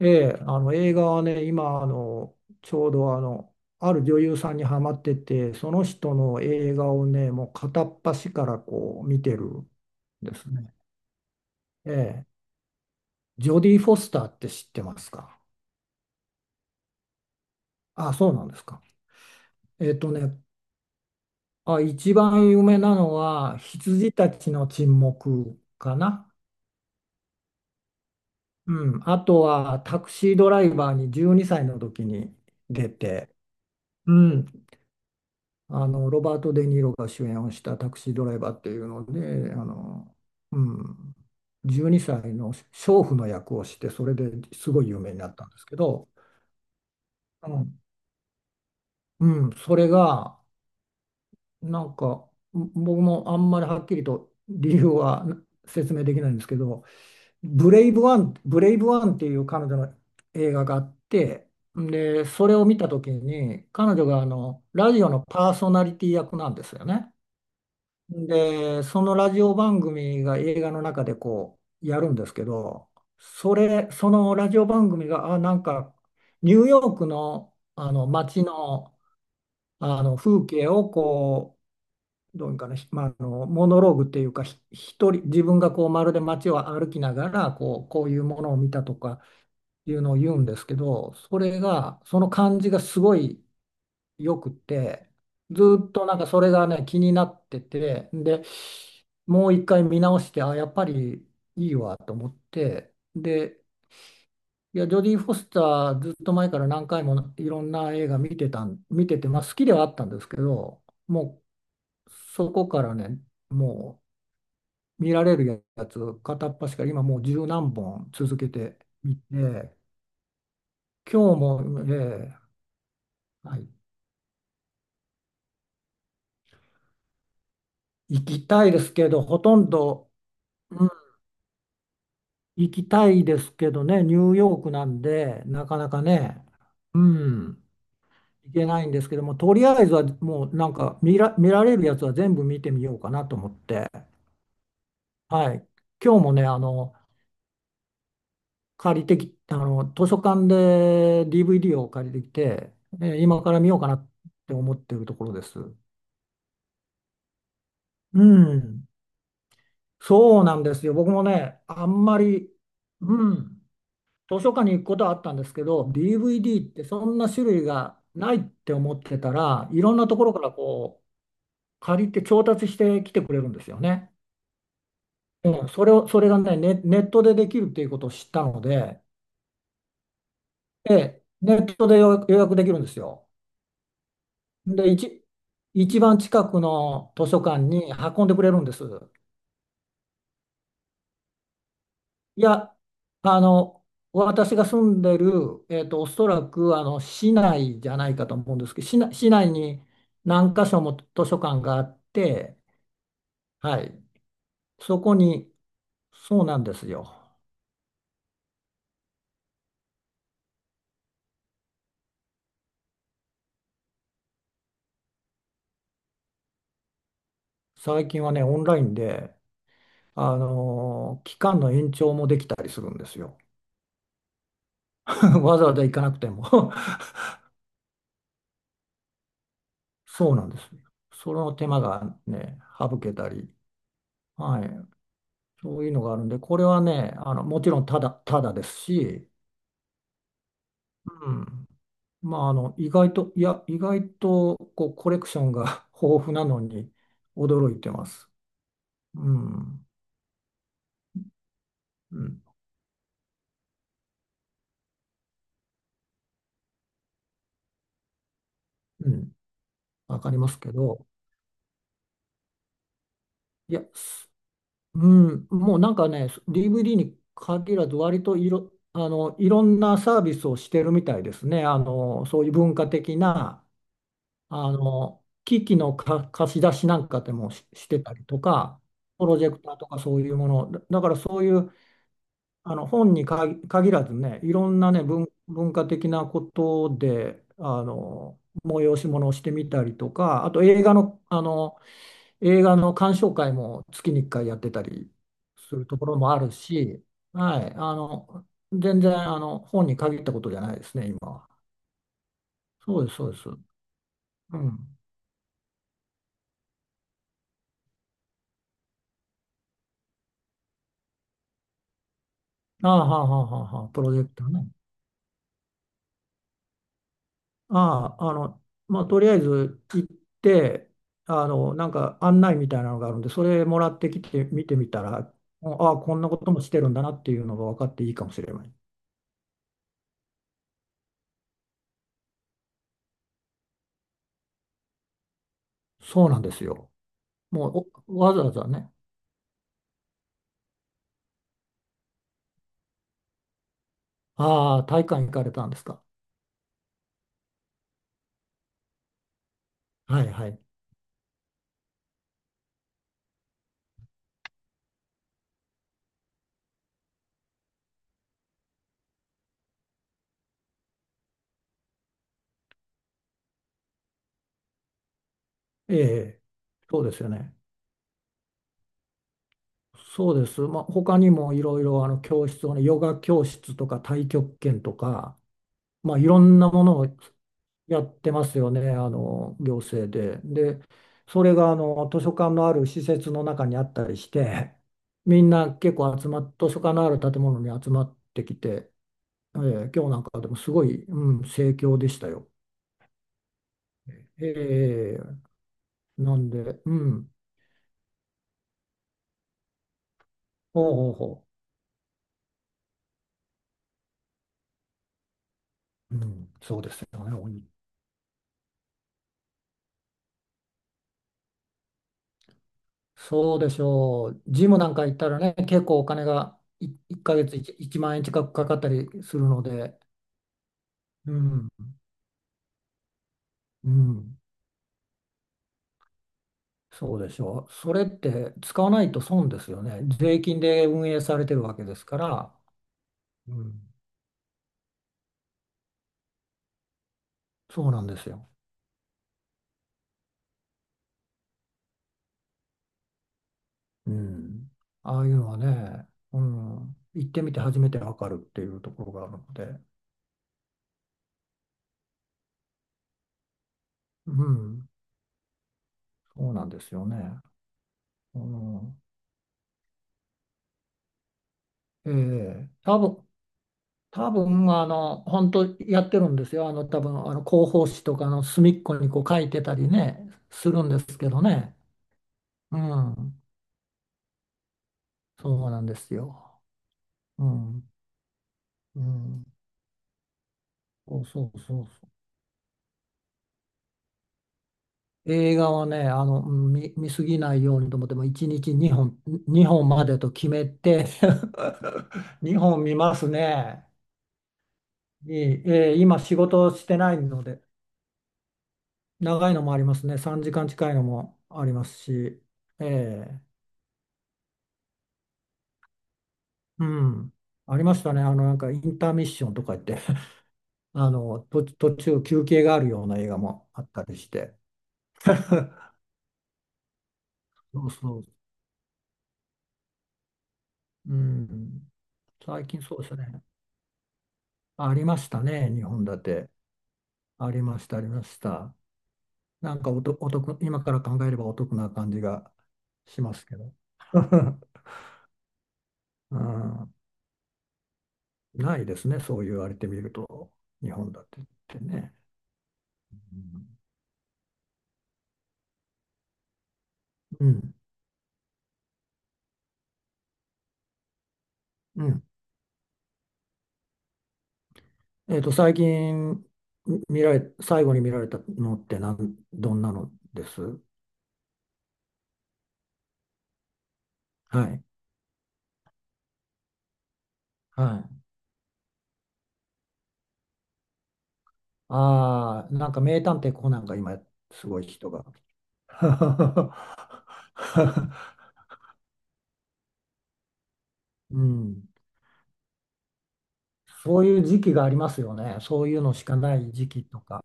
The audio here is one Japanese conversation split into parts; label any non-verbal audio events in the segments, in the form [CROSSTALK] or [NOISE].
ええ、あの映画はね、今ちょうどある女優さんにハマってて、その人の映画をね、もう片っ端からこう見てるんですね。ええ、ジョディ・フォスターって知ってますか？あ、そうなんですか。えっとね、あ、一番有名なのは、羊たちの沈黙かな。うん、あとは、タクシードライバーに12歳の時に出て、うん、ロバート・デ・ニーロが主演をしたタクシードライバーっていうので、うん、12歳の娼婦の役をして、それですごい有名になったんですけど、うん、うん、それが、なんか、僕もあんまりはっきりと理由は説明できないんですけど、ブレイブワンっていう彼女の映画があって、で、それを見たときに、彼女がラジオのパーソナリティ役なんですよね。で、そのラジオ番組が映画の中でこうやるんですけど、そのラジオ番組が、あ、なんかニューヨークの、あの街の、あの風景をこう、どういうかな、ひまあ、あのモノローグっていうか、一人、自分がこうまるで街を歩きながらこう、こういうものを見たとかいうのを言うんですけど、それが、その感じがすごいよくて、ずっとなんかそれがね、気になってて、で、もう一回見直して、あ、やっぱりいいわと思って、で、いや、ジョディ・フォスターずっと前から何回もいろんな映画見てて、まあ好きではあったんですけど、もうそこからね、もう見られるやつ片っ端から今もう十何本続けて見て、今日もね、はい、行きたいですけど、ほとんど、う行きたいですけどね、ニューヨークなんで、なかなかね、うん、行けないんですけども、とりあえずはもうなんか見られるやつは全部見てみようかなと思って、はい、今日もね、あの、借りてき、あの、図書館で DVD を借りてきて、今から見ようかなって思ってるところです。うん、そうなんですよ。僕もね、あんまり、うん。図書館に行くことはあったんですけど、DVD ってそんな種類がないって思ってたら、いろんなところからこう借りて調達してきてくれるんですよね。うん、それがね、ネットでできるっていうことを知ったので、で、ネットで予約できるんですよ。で、一番近くの図書館に運んでくれるんです。いや、あの、私が住んでる、おそらくあの市内じゃないかと思うんですけど、市内に何箇所も図書館があって、はい、そこに、そうなんですよ。最近はね、オンラインで、期間の延長もできたりするんですよ。[LAUGHS] わざわざ行かなくても [LAUGHS] そうなんです。その手間がね、省けたり、はい、そういうのがあるんで、これはね、もちろんただですし、うんまあ、意外と、こう、コレクションが [LAUGHS] 豊富なのに驚いてます。うん、うん、うん、わかりますけど、いや、すうん、もうなんかね、DVD に限らず、割といろんなサービスをしてるみたいですね。そういう文化的な、機器の貸し出しなんかでしてたりとか、プロジェクターとかそういうもの、だからそういう、本に限らずね、いろんなね、文化的なことで、催し物をしてみたりとか、あと映画の鑑賞会も月に1回やってたりするところもあるし、はい、全然、本に限ったことじゃないですね、今は。そうです、そうです。うん。ああ、はあ、はあ、はあ、はあプロジェクターね。ああ、まあ、とりあえず行って、なんか案内みたいなのがあるんで、それもらってきて見てみたら、ああ、こんなこともしてるんだなっていうのが分かっていいかもしれない。そうなんですよ。もうわざわざね、ああ、体育館行かれたんですか？はいはい。ええ、そうですよね。そうです。まあ、他にもいろいろあの教室をね、ヨガ教室とか太極拳とか、まあ、いろんなものをやってますよね、あの行政で。で、それがあの図書館のある施設の中にあったりして、みんな結構集まっ、図書館のある建物に集まってきて、今日なんかでもすごい、うん、盛況でしたよ。えーなんで、うん、ほうほうほう、うん、そうですよね、そうでしょう、ジムなんか行ったらね、結構お金が1ヶ月1、一万円近くかかったりするので、うん、うん。そうでしょう。それって使わないと損ですよね。税金で運営されてるわけですから、うん。そうなんですよ。うん。ああいうのはね、うん、行ってみて初めてわかるっていうところがあるので、うん、そうなんですよね。うん、ええ、多分、本当やってるんですよ。多分、広報誌とかの隅っこにこう書いてたりね、するんですけどね。うん、そうなんですよ。うん、うん。そうそうそうそう。映画はね、見すぎないようにと思って、もう1日2本までと決めて [LAUGHS] 2本見ますね。いいえー今仕事してないので、長いのもありますね。3時間近いのもありますし、ええうん。ありましたね。なんかインターミッションとか言って、[LAUGHS] 途中休憩があるような映画もあったりして。[LAUGHS] そうそう。うん。最近そうですね。ありましたね、日本立て。ありました、ありました。なんかお得、今から考えればお得な感じがしますけど。[LAUGHS] うん、ないですね、そう言われてみると、日本立てってね。うん、うん。最近み見られ、最後に見られたのってどんなのです？はい。はい。ああ、なんか名探偵コナンが今、すごい人が。[LAUGHS] うん。そういう時期がありますよね。そういうのしかない時期とか、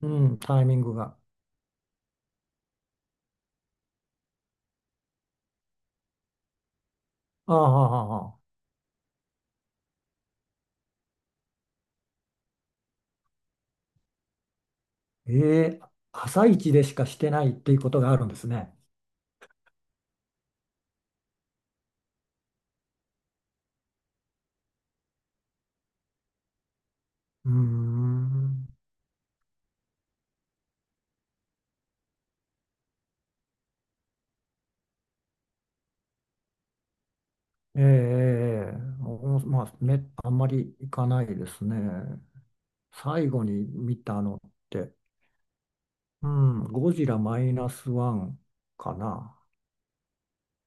うん、タイミングが。ああ、ああああええ朝一でしかしてないっていうことがあるんですね。うーん。ええええええまあ、あんまり行かないですね。最後に見たのって、うん、ゴジラマイナスワンかな。